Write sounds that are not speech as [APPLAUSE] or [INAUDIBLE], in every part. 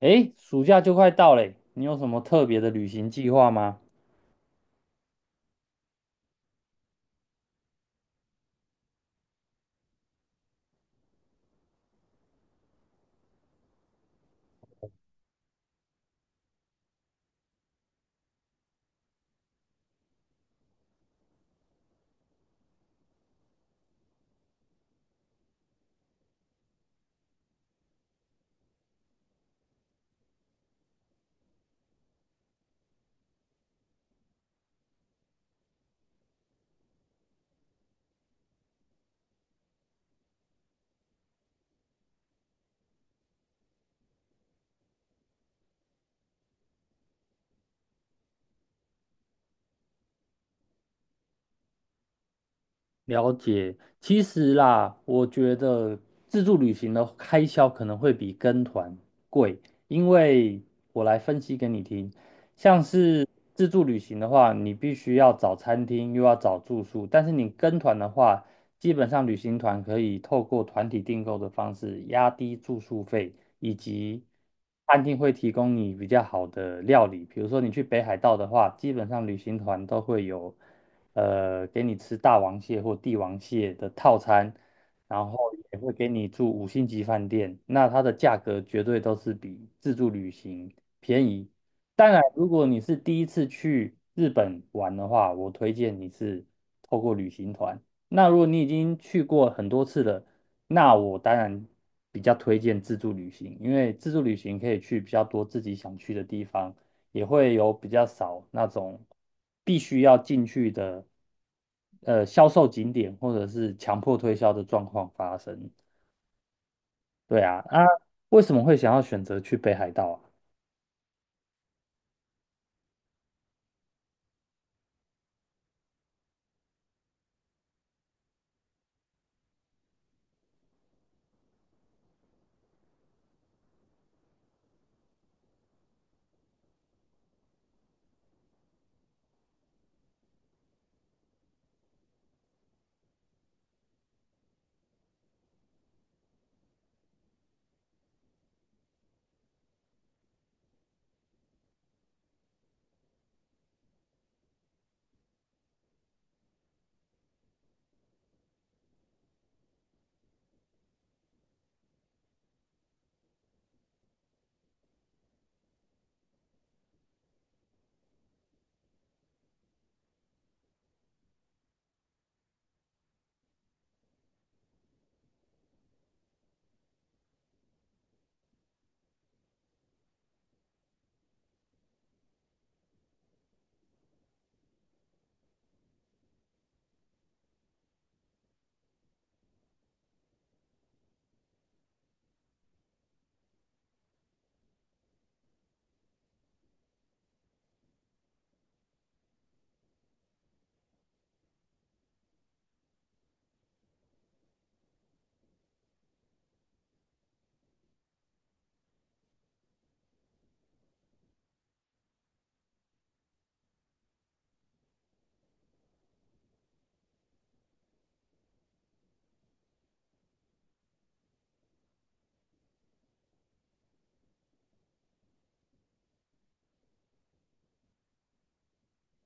哎，暑假就快到嘞，你有什么特别的旅行计划吗？了解，其实啦，我觉得自助旅行的开销可能会比跟团贵，因为我来分析给你听。像是自助旅行的话，你必须要找餐厅，又要找住宿，但是你跟团的话，基本上旅行团可以透过团体订购的方式压低住宿费，以及餐厅会提供你比较好的料理。比如说你去北海道的话，基本上旅行团都会有。给你吃大王蟹或帝王蟹的套餐，然后也会给你住五星级饭店，那它的价格绝对都是比自助旅行便宜。当然，如果你是第一次去日本玩的话，我推荐你是透过旅行团。那如果你已经去过很多次了，那我当然比较推荐自助旅行，因为自助旅行可以去比较多自己想去的地方，也会有比较少那种必须要进去的，销售景点或者是强迫推销的状况发生。对啊，啊，为什么会想要选择去北海道啊？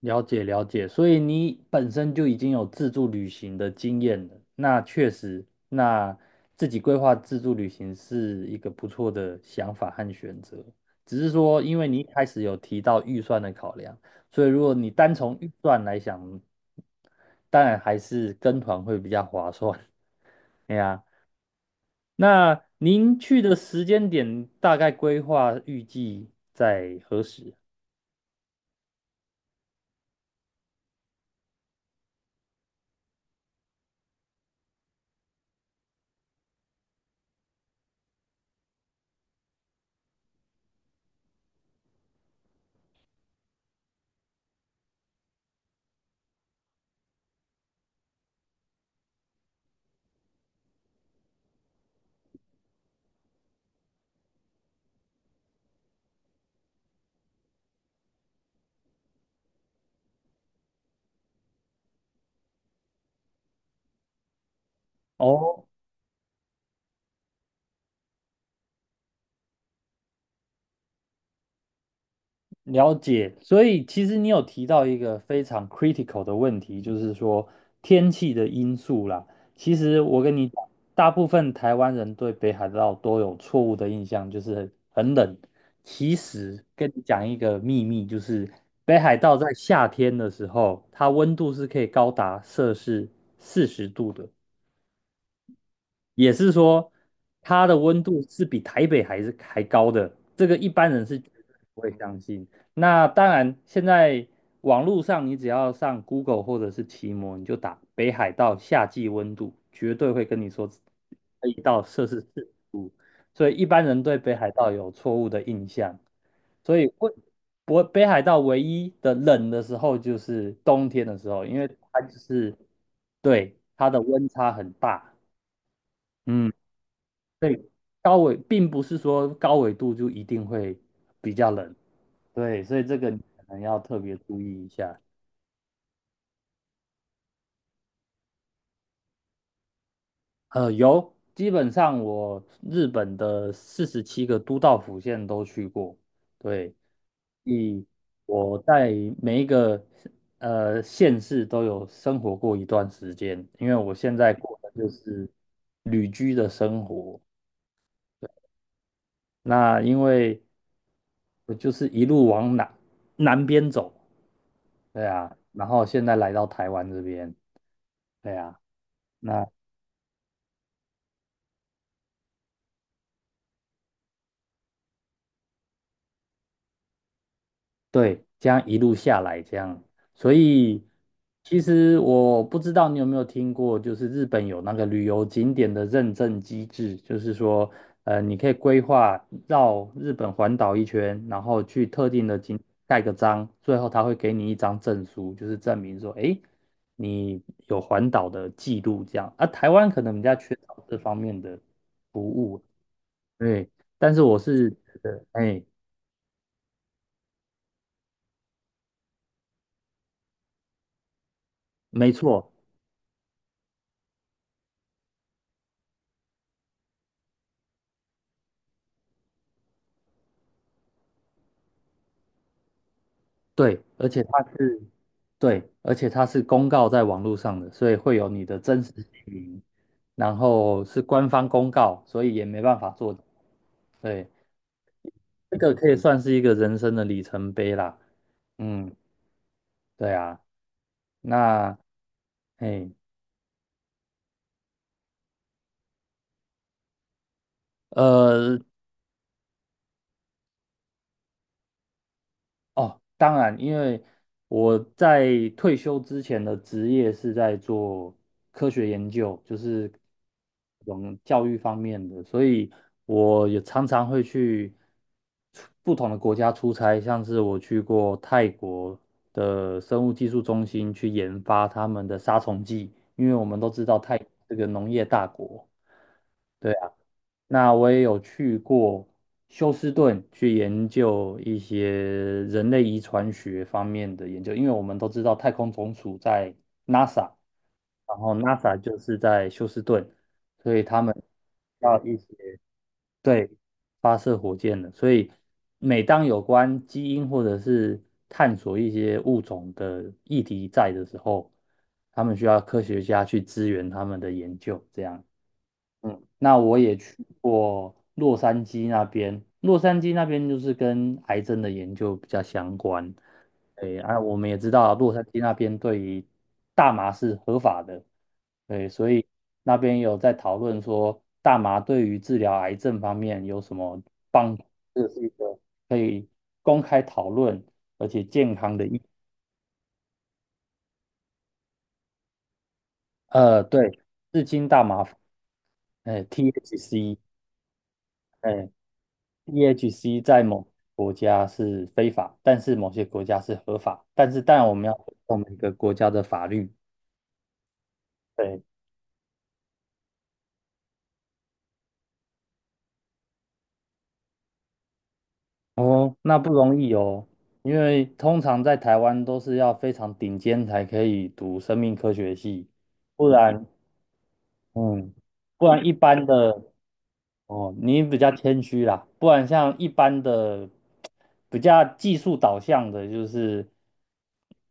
了解了解，所以你本身就已经有自助旅行的经验了，那确实，那自己规划自助旅行是一个不错的想法和选择。只是说，因为你一开始有提到预算的考量，所以如果你单从预算来想，当然还是跟团会比较划算。[LAUGHS] 哎呀，那您去的时间点大概规划预计在何时？哦，了解，所以其实你有提到一个非常 critical 的问题，就是说天气的因素啦。其实我跟你讲，大部分台湾人对北海道都有错误的印象，就是很冷。其实跟你讲一个秘密，就是北海道在夏天的时候，它温度是可以高达摄氏四十度的。也是说它的温度是比台北还是还高的，这个一般人是绝对不会相信。那当然，现在网络上你只要上 Google 或者是奇摩，你就打北海道夏季温度，绝对会跟你说可以到摄氏四十度，所以一般人对北海道有错误的印象。所以会不北海道唯一的冷的时候就是冬天的时候，因为它就是对它的温差很大。嗯。所以高纬并不是说高纬度就一定会比较冷，对，所以这个你可能要特别注意一下。有，基本上我日本的47个都道府县都去过，对，所以我在每一个县市都有生活过一段时间，因为我现在过的就是旅居的生活。那因为我就是一路往南南边走，对啊，然后现在来到台湾这边，对啊，那对，这样一路下来这样，所以其实我不知道你有没有听过，就是日本有那个旅游景点的认证机制，就是说，你可以规划绕日本环岛一圈，然后去特定的景盖个章，最后他会给你一张证书，就是证明说，诶，你有环岛的记录这样。啊，台湾可能比较缺少这方面的服务。对，但是我是觉得，哎，没错，对，而且它是公告在网络上的，所以会有你的真实姓名，然后是官方公告，所以也没办法做。对，这个可以算是一个人生的里程碑啦。嗯，对啊，那，哎，呃，哦，当然，因为我在退休之前的职业是在做科学研究，就是这种教育方面的，所以我也常常会去出不同的国家出差，像是我去过泰国的生物技术中心去研发他们的杀虫剂，因为我们都知道泰这个农业大国。对。那我也有去过休斯顿去研究一些人类遗传学方面的研究，因为我们都知道太空总署在 NASA，然后 NASA 就是在休斯顿，所以他们要一些对发射火箭的，所以每当有关基因或者是探索一些物种的议题在的时候，他们需要科学家去支援他们的研究，这样。嗯，那我也去过洛杉矶那边，洛杉矶那边就是跟癌症的研究比较相关。对，啊，我们也知道洛杉矶那边对于大麻是合法的，对，所以那边有在讨论说大麻对于治疗癌症方面有什么帮助，这是一个可以公开讨论而且健康的议。对，至今大麻，哎，THC，哎，EHC 在某国家是非法，但是某些国家是合法，但是当然我们要尊重每个国家的法律。对，哦，那不容易哦，因为通常在台湾都是要非常顶尖才可以读生命科学系，不然，嗯，不然一般的哦，你比较谦虚啦，不然像一般的比较技术导向的，就是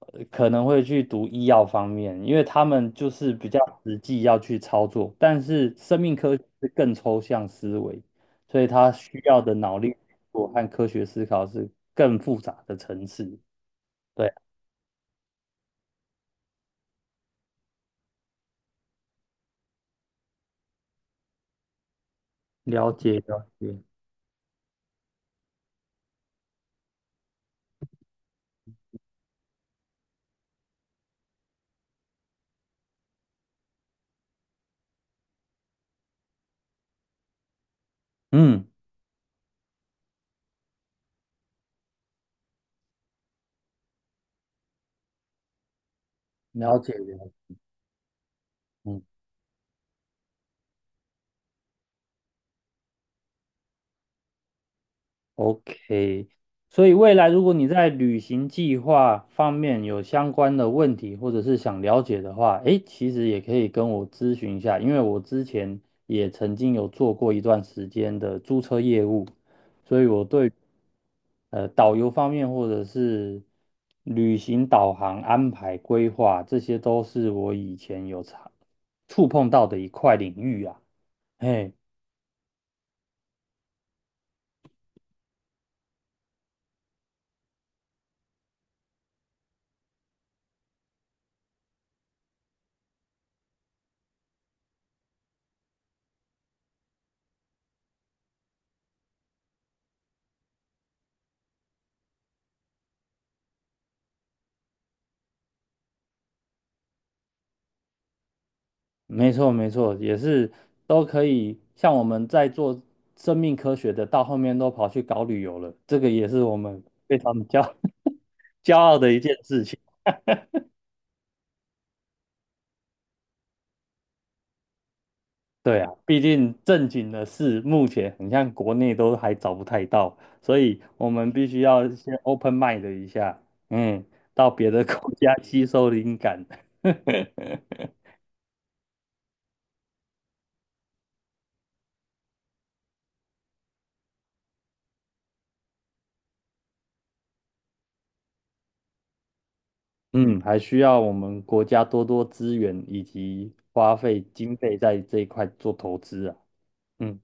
可能会去读医药方面，因为他们就是比较实际要去操作，但是生命科学是更抽象思维，所以他需要的脑力运作和科学思考是更复杂的层次。对，了解了解，嗯，了解了解，嗯。OK，所以未来如果你在旅行计划方面有相关的问题，或者是想了解的话，诶，其实也可以跟我咨询一下，因为我之前也曾经有做过一段时间的租车业务，所以我对导游方面或者是旅行导航安排规划这些都是我以前有常触碰到的一块领域啊，嘿。没错，没错，也是都可以。像我们在做生命科学的，到后面都跑去搞旅游了，这个也是我们非常骄 [LAUGHS] 骄傲的一件事情。对啊，毕竟正经的事，目前很像国内都还找不太到，所以我们必须要先 open mind 一下，嗯，到别的 [LAUGHS] 国家吸收灵感。[LAUGHS] 嗯，还需要我们国家多多资源以及花费经费在这一块做投资啊。嗯。